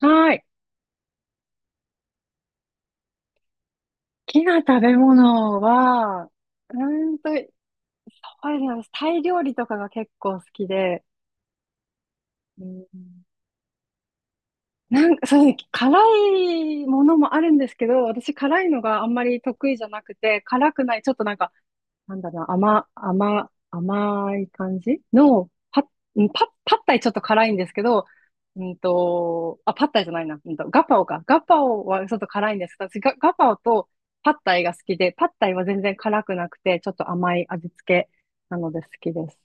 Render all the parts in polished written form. はい。好きな食べ物は、ーそうですね。タイ料理とかが結構好きで、うん、なんか、そうですね。辛いものもあるんですけど、私辛いのがあんまり得意じゃなくて、辛くない、ちょっとなんかなんだろうな、甘い感じの、パッ、うんパッ、パッタイちょっと辛いんですけど、あ、パッタイじゃないな、ガパオか。ガパオはちょっと辛いんですけど私ガパオとパッタイが好きで、パッタイは全然辛くなくて、ちょっと甘い味付けなので好きです。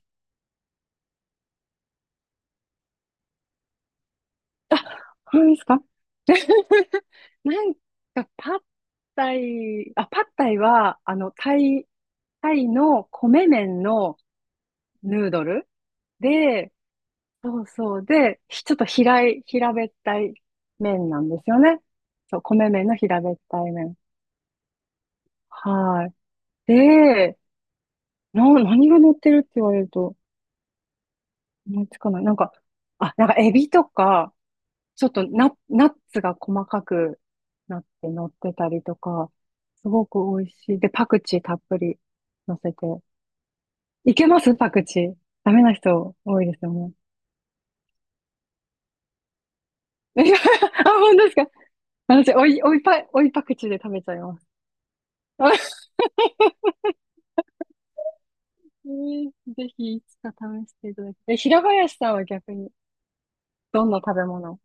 何ですか？ なんか、パッタイは、タイの米麺のヌードルで、そうそう。で、ひちょっと平い、平べったい麺なんですよね。そう、米麺の平べったい麺。はい。で、何が乗ってるって言われると思いつかない。なんか、あ、なんかエビとか、ちょっとナッツが細かくなって乗ってたりとか、すごく美味しい。で、パクチーたっぷり乗せて。いけますパクチー。ダメな人多いですよね。あ、本当ですか？私、おいパクチーで食べちゃいます。ぜひいつか試していただきたい。え、平林さんは逆に、どんな食べ物？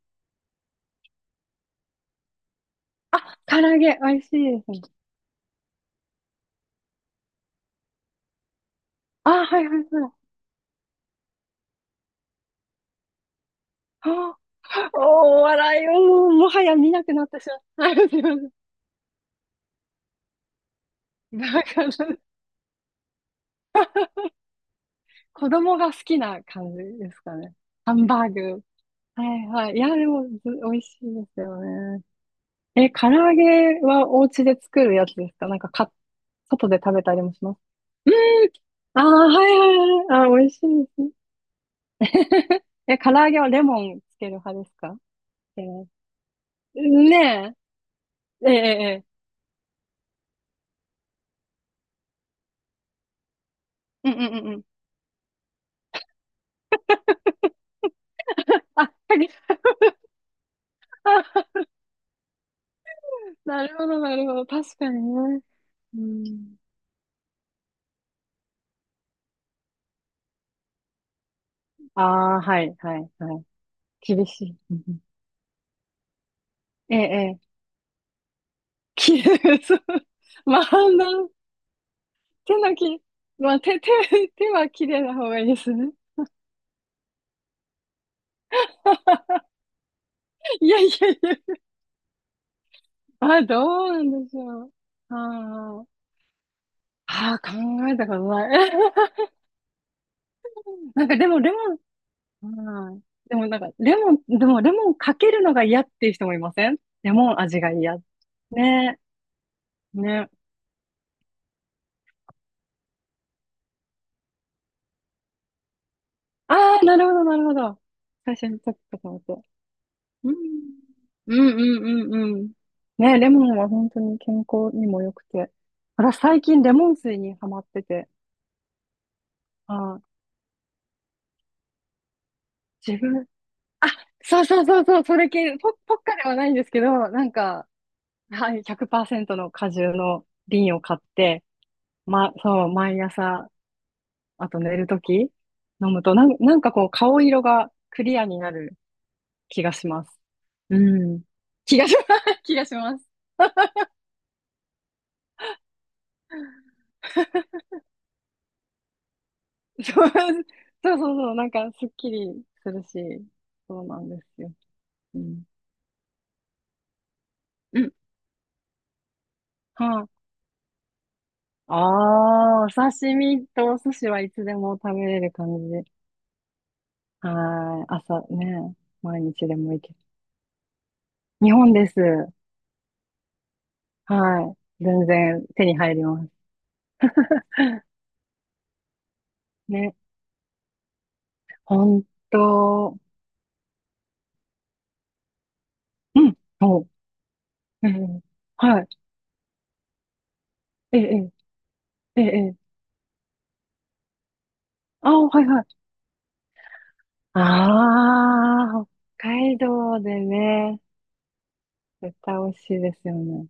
あ、唐揚げ、美味しいですね。あ、はいはいはい。あーおー笑いを、もはや見なくなってしまった。はいすいません。なんか、子供が好きな感じですかね。ハンバーグ。はいはい。いや、でも、ず美味しいですよね。え、唐揚げはお家で作るやつですか？なんか、外で食べたりもします。うーん。ああ、はいはいはい。あー、美味しいですね。 え、唐揚げはレモンつける派ですか？えーねえ。ええ、ええ、うんうんうんうん。あ、あ、なるほど、なるほど。確かにね。うん。ああ、はい、はい、はい。厳しい。うんうんええ、ええ。きれい、そう。まあ、なん手のき、まあ、手は綺麗な方がいいですね。いやいやいや。まあ、どうなんでしょう。ああ、ああ、考えたことない。なんかでもレモン、はい。でもなんか、レモン、でもレモンかけるのが嫌っていう人もいません？レモン味が嫌。ねね。ああ、なるほど、なるほど。最初にちょっと思って。うん。うんうんうんうん。ね、レモンは本当に健康にも良くて。私最近レモン水にハマってて。あ、自分、あ、そうそうそうそう、それ系、ポッカではないんですけど、なんか、はい、100%の果汁の瓶を買って、ま、そう、毎朝あと寝るとき飲むとなんかこう顔色がクリアになる気がします。うん。気がします。気がします。そうそうそうそう、なんかすっきりするし、そうなんですよ。うん。うん。はい、あ。あーお刺身とお寿司はいつでも食べれる感じで。はい。朝ね、毎日でもいける。日本です。はい。全然手に入ります。ね。ほんと、うん、そう。うん。はい。ええ、ええ、ええ。ああ、はいはい。ああ、北海道でね、絶対美味しいですよね。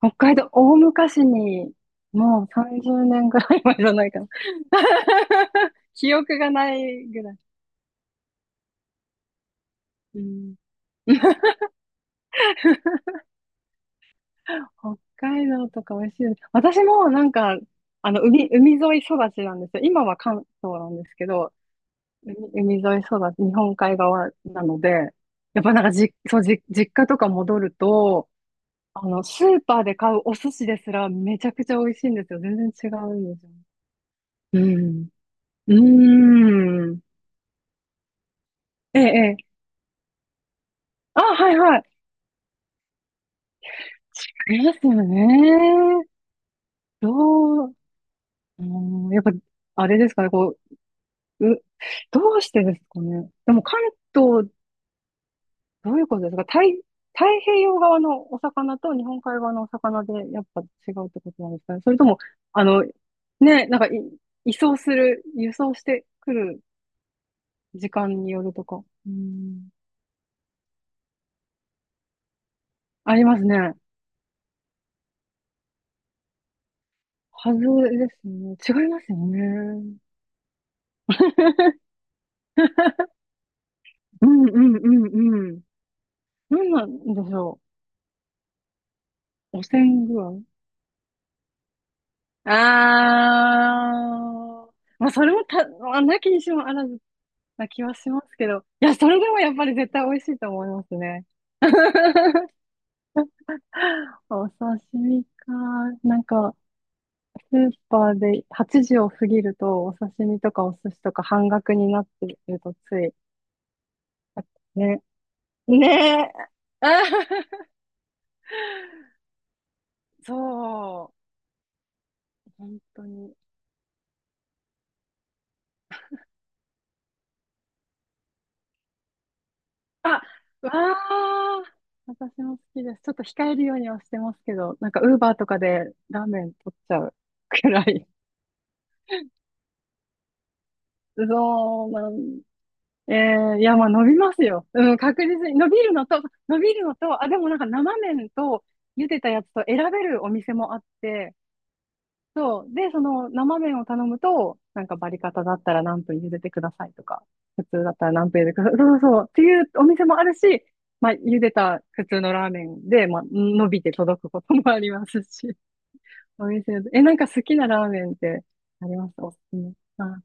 北海道、大昔に、もう30年ぐらい前じゃないかな。記憶がないぐらい。うん、北海道とか美味しいです。私もなんか、海沿い育ちなんですよ。今は関東なんですけど、海、海沿い育ち、日本海側なので、やっぱなんかそう、実家とか戻ると、スーパーで買うお寿司ですらめちゃくちゃ美味しいんですよ。全然違うんですよ。うん。うーん。ええ、ええ。あ、はいはい。違いますよね。どう、うん、やっぱ、あれですかね、こう、どうしてですかね。でも関東、どういうことですか？太平洋側のお魚と日本海側のお魚でやっぱ違うってことなんですかね。それとも、あの、ね、なんかい、移送する、輸送してくる時間によるとか。うん。ありますね。はずですね。違いますよね。うんうんうんうん。なんなんでしょう。汚染具合。あー。まあ、それもた、まあ、なきにしもあらずな気はしますけど。いや、それでもやっぱり絶対美味しいと思いますね。お刺身か。なんか、スーパーで8時を過ぎると、お刺身とかお寿司とか半額になってるとついね、ねえ。あ そう。本当に。あ、わあ。私も好きです。ちょっと控えるようにはしてますけど、なんかウーバーとかでラーメン取っちゃうくらい。そうなん。えー、いや、まあ伸びますよ。うん、確実に。伸びるのと、あ、でもなんか生麺と茹でたやつと選べるお店もあって、そう。で、その生麺を頼むと、なんかバリカタだったら何分茹でてくださいとか、普通だったら何分茹でてください。そうそうそう。っていうお店もあるし、まあ、茹でた普通のラーメンで、まあ、伸びて届くこともありますし。お店で、え、なんか好きなラーメンってあります？おすすめ。あ、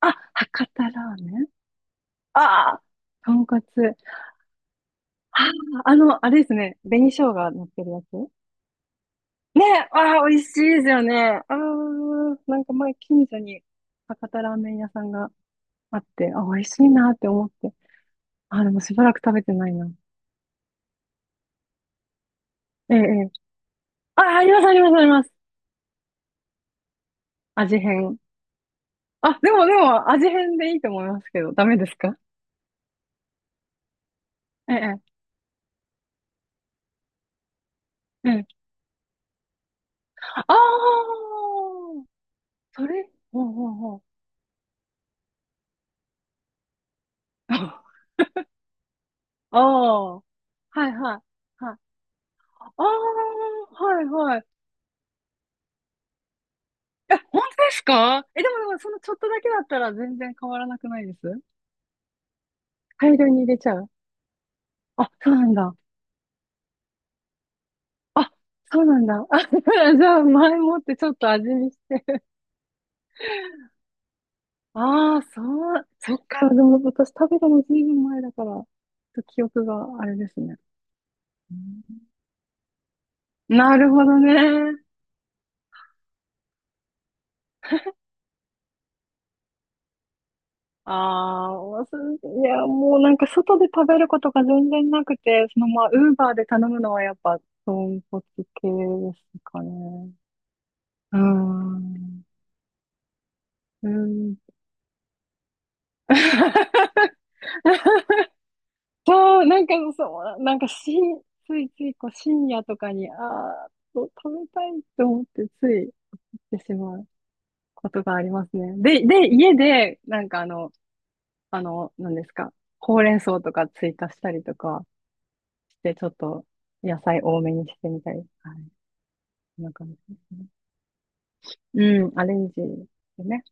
あ、博多ラーメン。ああー、豚骨。ああ、あの、あれですね。紅生姜乗ってるやつ。ねえ、ああ、美味しいですよね。ああ、なんか前近所に博多ラーメン屋さんがあって、あ、美味しいなって思って。あ、でもしばらく食べてないな。ええ、ええ。あ、あります、あります、あります。味変。あ、でも、味変でいいと思いますけど、ダメですか？ええ、ええ。ええああ、それ、ほうほうほう。ああ、はいはい。はい。ああ、はいはい。本当ですか？え、でも、そのちょっとだけだったら全然変わらなくないです？大量に入れちゃう？あ、そうなんだ。あ、そうなんだ。あ、だからじゃあ前もってちょっと味見して。ああ、そう、そっか。でも私食べたのずいぶん前だから、ちょっと記憶があれですね。うんなるほどね。ああ、いや、もうなんか外で食べることが全然なくて、そのまあ、ウーバーで頼むのはやっぱ、豚骨系ですかね。うーん。うん。そう、なんかそう、なんかし、ついついこう深夜とかに、ああ、そう食べたいと思ってつい行ってしまうことがありますね。で、家で、なんかあの、何ですか、ほうれん草とか追加したりとかして、ちょっと野菜多めにしてみたり、はい、そんな感じですね。うん、アレンジね。